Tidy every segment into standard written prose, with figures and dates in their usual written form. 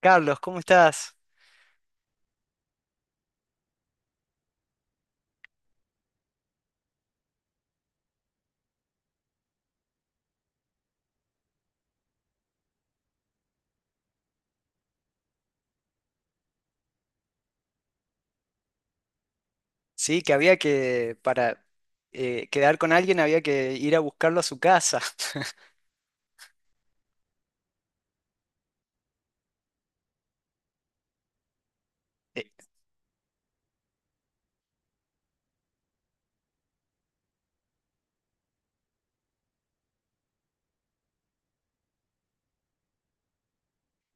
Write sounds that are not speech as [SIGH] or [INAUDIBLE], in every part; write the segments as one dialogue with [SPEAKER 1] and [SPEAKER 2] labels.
[SPEAKER 1] Carlos, ¿cómo estás? Sí, que había que, para quedar con alguien había que ir a buscarlo a su casa. [LAUGHS] Eh,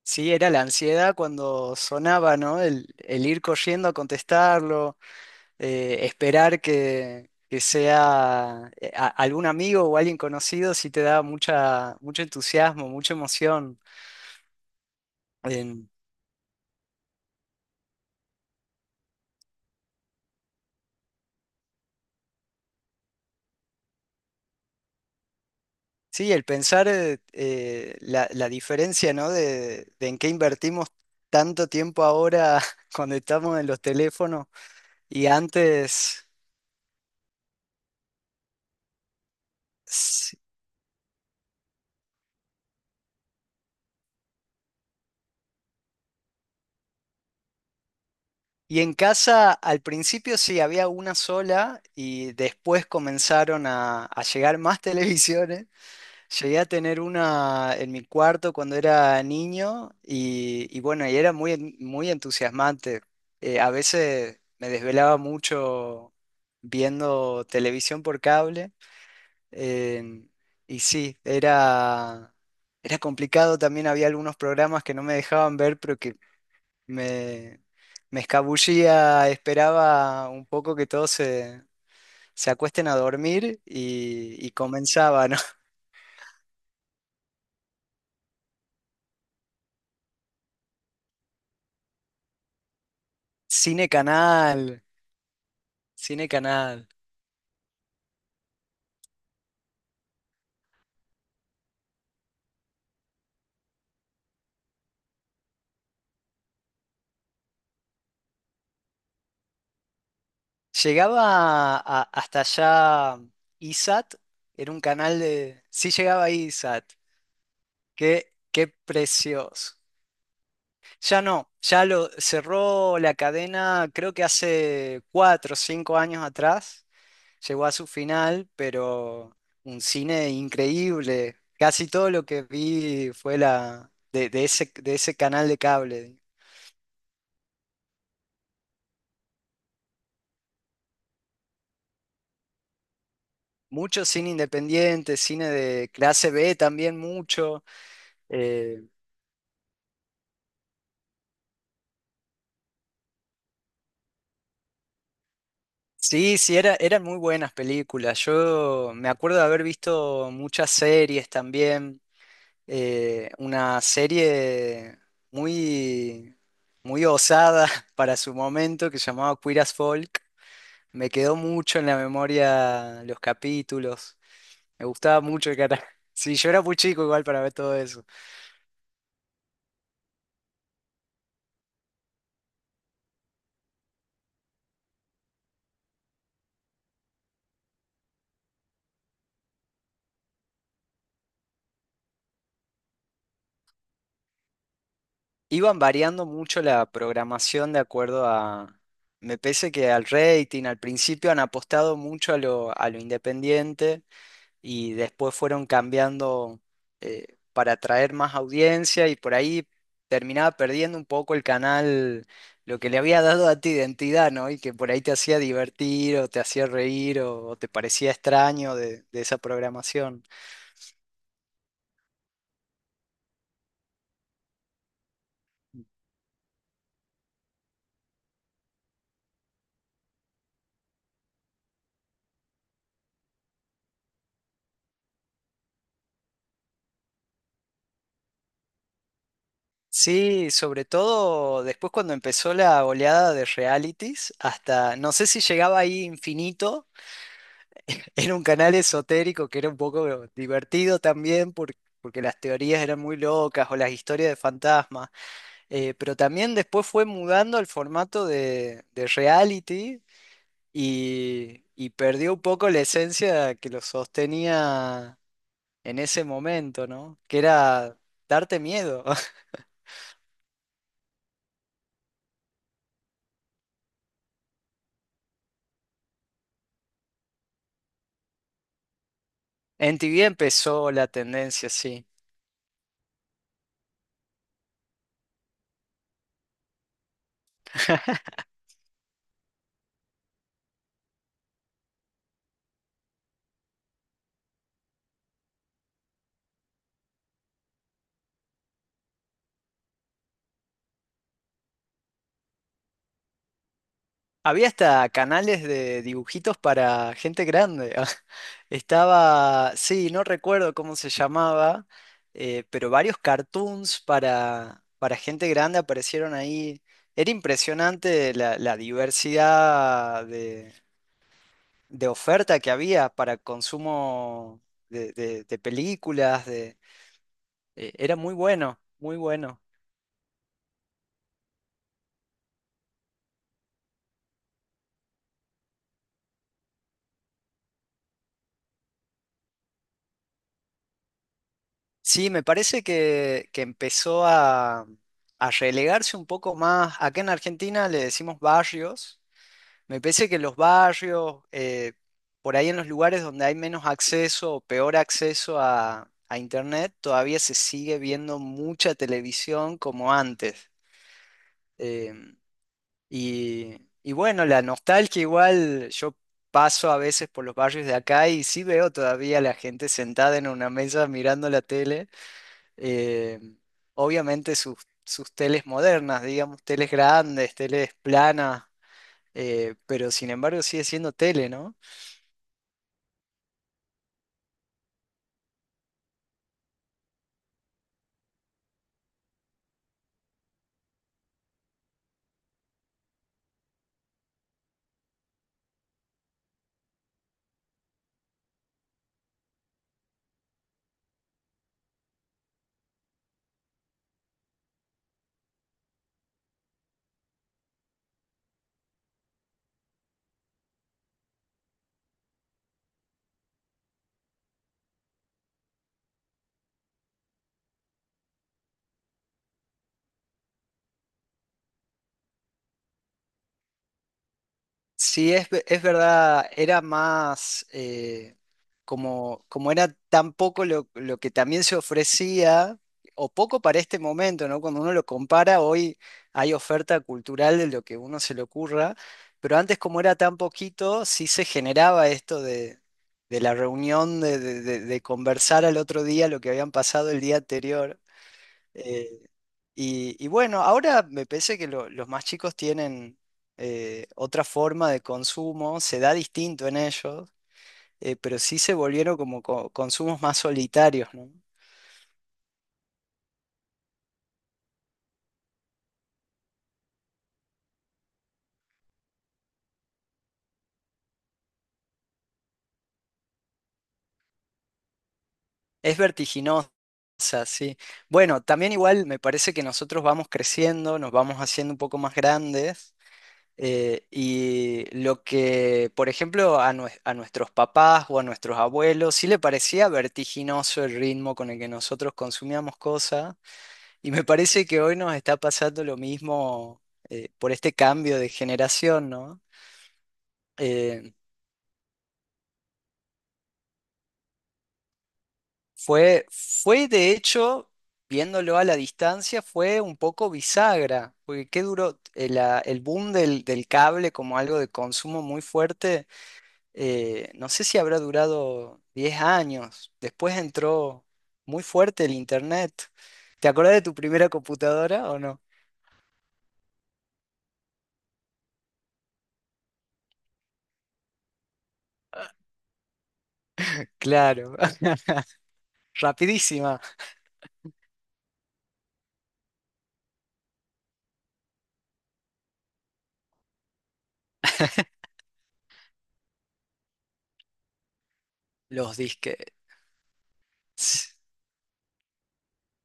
[SPEAKER 1] Sí, era la ansiedad cuando sonaba, ¿no? El ir corriendo a contestarlo, esperar que sea algún amigo o alguien conocido, sí te da mucha, mucho entusiasmo, mucha emoción. Sí, el pensar la diferencia, ¿no? De en qué invertimos tanto tiempo ahora [LAUGHS] cuando estamos en los teléfonos y antes. s- Y en casa al principio sí había una sola y después comenzaron a llegar más [LAUGHS] televisiones. Llegué a tener una en mi cuarto cuando era niño y bueno, y era muy entusiasmante. A veces me desvelaba mucho viendo televisión por cable em, y sí, era complicado. También había algunos programas que no me dejaban ver, pero que me, me escabullía, esperaba un poco que todos se acuesten a dormir y comenzaba, ¿no? [LAUGHS] Cine Canal. Cine Canal. Llegaba hasta allá ISAT, era un canal de. Sí llegaba ISAT, qué precioso. Ya no, ya lo cerró la cadena, creo que hace 4 o 5 años atrás, llegó a su final, pero un cine increíble. Casi todo lo que vi fue la, de ese canal de cable. Mucho cine independiente, cine de clase B también mucho. eh, Sí, sí, eran muy buenas películas. Yo me acuerdo de haber visto muchas series también. Una serie muy, muy osada [LAUGHS] para su momento que se llamaba Queer as Folk. Me quedó mucho en la memoria los capítulos. Me gustaba mucho el cara. [LAUGHS] Sí, yo era muy chico igual para ver todo eso. Iban variando mucho la programación de acuerdo a, me parece que al rating, al principio han apostado mucho a lo, independiente y después fueron cambiando para atraer más audiencia y por ahí terminaba perdiendo un poco el canal, lo que le había dado a tu identidad, ¿no? Y que por ahí te hacía divertir o te hacía reír o te parecía extraño de esa programación. Sí, sobre todo después cuando empezó la oleada de realities, hasta no sé si llegaba ahí Infinito. [LAUGHS] Era un canal esotérico que era un poco divertido también porque las teorías eran muy locas o las historias de fantasmas. Pero también después fue mudando al formato de reality y perdió un poco la esencia que lo sostenía en ese momento, ¿no? Que era darte miedo. [LAUGHS] En TV empezó la tendencia, sí. Había hasta canales de dibujitos para gente grande. [LAUGHS] Estaba, sí, no recuerdo cómo se llamaba, pero varios cartoons para gente grande aparecieron ahí. Era impresionante la diversidad de oferta que había para consumo de películas. Era muy bueno, muy bueno. Sí, me parece que empezó a relegarse un poco más. Acá en Argentina le decimos barrios. Me parece que los barrios, por ahí en los lugares donde hay menos acceso o peor acceso a Internet, todavía se sigue viendo mucha televisión como antes. Em, y, y bueno, la nostalgia igual, yo paso a veces por los barrios de acá y sí veo todavía a la gente sentada en una mesa mirando la tele, eh, obviamente sus teles modernas, digamos, teles grandes, teles planas, pero sin embargo sigue siendo tele, ¿no? Sí, es verdad, era más, como era tan poco lo que también se ofrecía, o poco para este momento, ¿no? Cuando uno lo compara, hoy hay oferta cultural de lo que uno se le ocurra, pero antes como era tan poquito, sí se generaba esto de la reunión, de conversar al otro día lo que habían pasado el día anterior. eh, y bueno, ahora me parece que los más chicos tienen, otra forma de consumo, se da distinto en ellos, pero sí se volvieron como consumos más solitarios, ¿no? Es vertiginosa, sí. Bueno, también igual me parece que nosotros vamos creciendo, nos vamos haciendo un poco más grandes, y lo que, por ejemplo, a nuestros papás o a nuestros abuelos sí le parecía vertiginoso el ritmo con el que nosotros consumíamos cosas, y me parece que hoy nos está pasando lo mismo, por este cambio de generación, ¿no? Eh, fue de hecho, viéndolo a la distancia, fue un poco bisagra, porque qué duró el boom del cable como algo de consumo muy fuerte, no sé si habrá durado 10 años. Después entró muy fuerte el internet. ¿Te acuerdas de tu primera computadora o no? Claro, [LAUGHS] rapidísima. Los disquetes.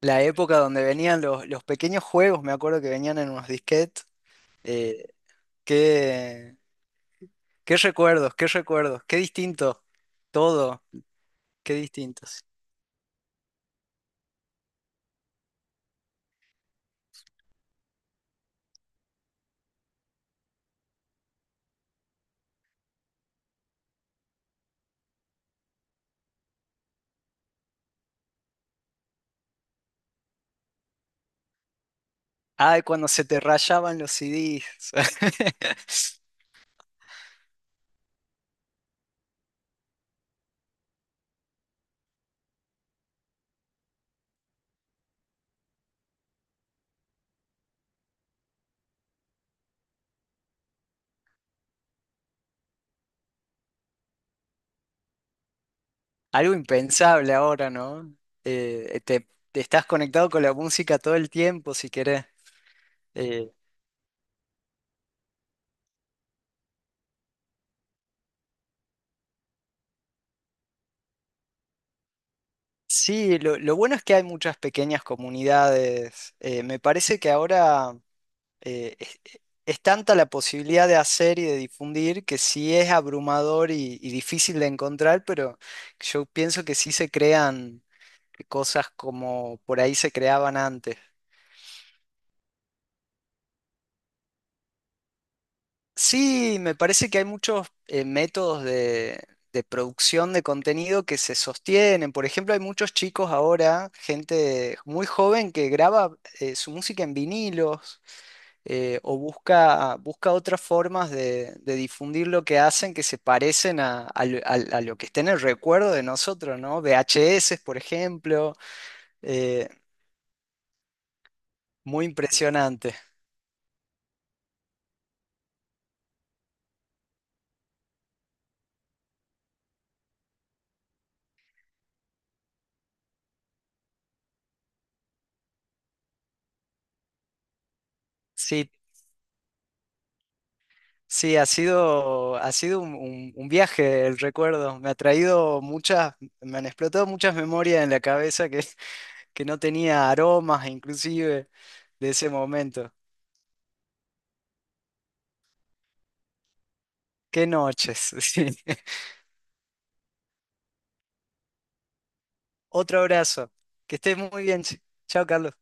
[SPEAKER 1] La época donde venían los pequeños juegos, me acuerdo que venían en unos disquetes. eh, Qué recuerdos, qué recuerdos, qué distinto todo, qué distintos. Ay, cuando se te rayaban los CDs. [LAUGHS] Algo impensable ahora, ¿no? Te estás conectado con la música todo el tiempo, si querés. Eh, sí, lo bueno es que hay muchas pequeñas comunidades. Me parece que ahora eh, es, es tanta la posibilidad de hacer y de difundir que sí es abrumador y difícil de encontrar, pero yo pienso que sí se crean cosas como por ahí se creaban antes. Sí, me parece que hay muchos métodos de producción de contenido que se sostienen. Por ejemplo, hay muchos chicos ahora, gente muy joven que graba su música en vinilos, o busca otras formas de difundir lo que hacen que se parecen a lo que está en el recuerdo de nosotros, ¿no? VHS, por ejemplo, eh, muy impresionante. Sí, sí, ha sido un viaje el recuerdo. Me ha traído muchas, me han explotado muchas memorias en la cabeza que no tenía aromas, inclusive, de ese momento. Qué noches. [LAUGHS] Sí. Otro abrazo. Que estés muy bien. Chao, Carlos.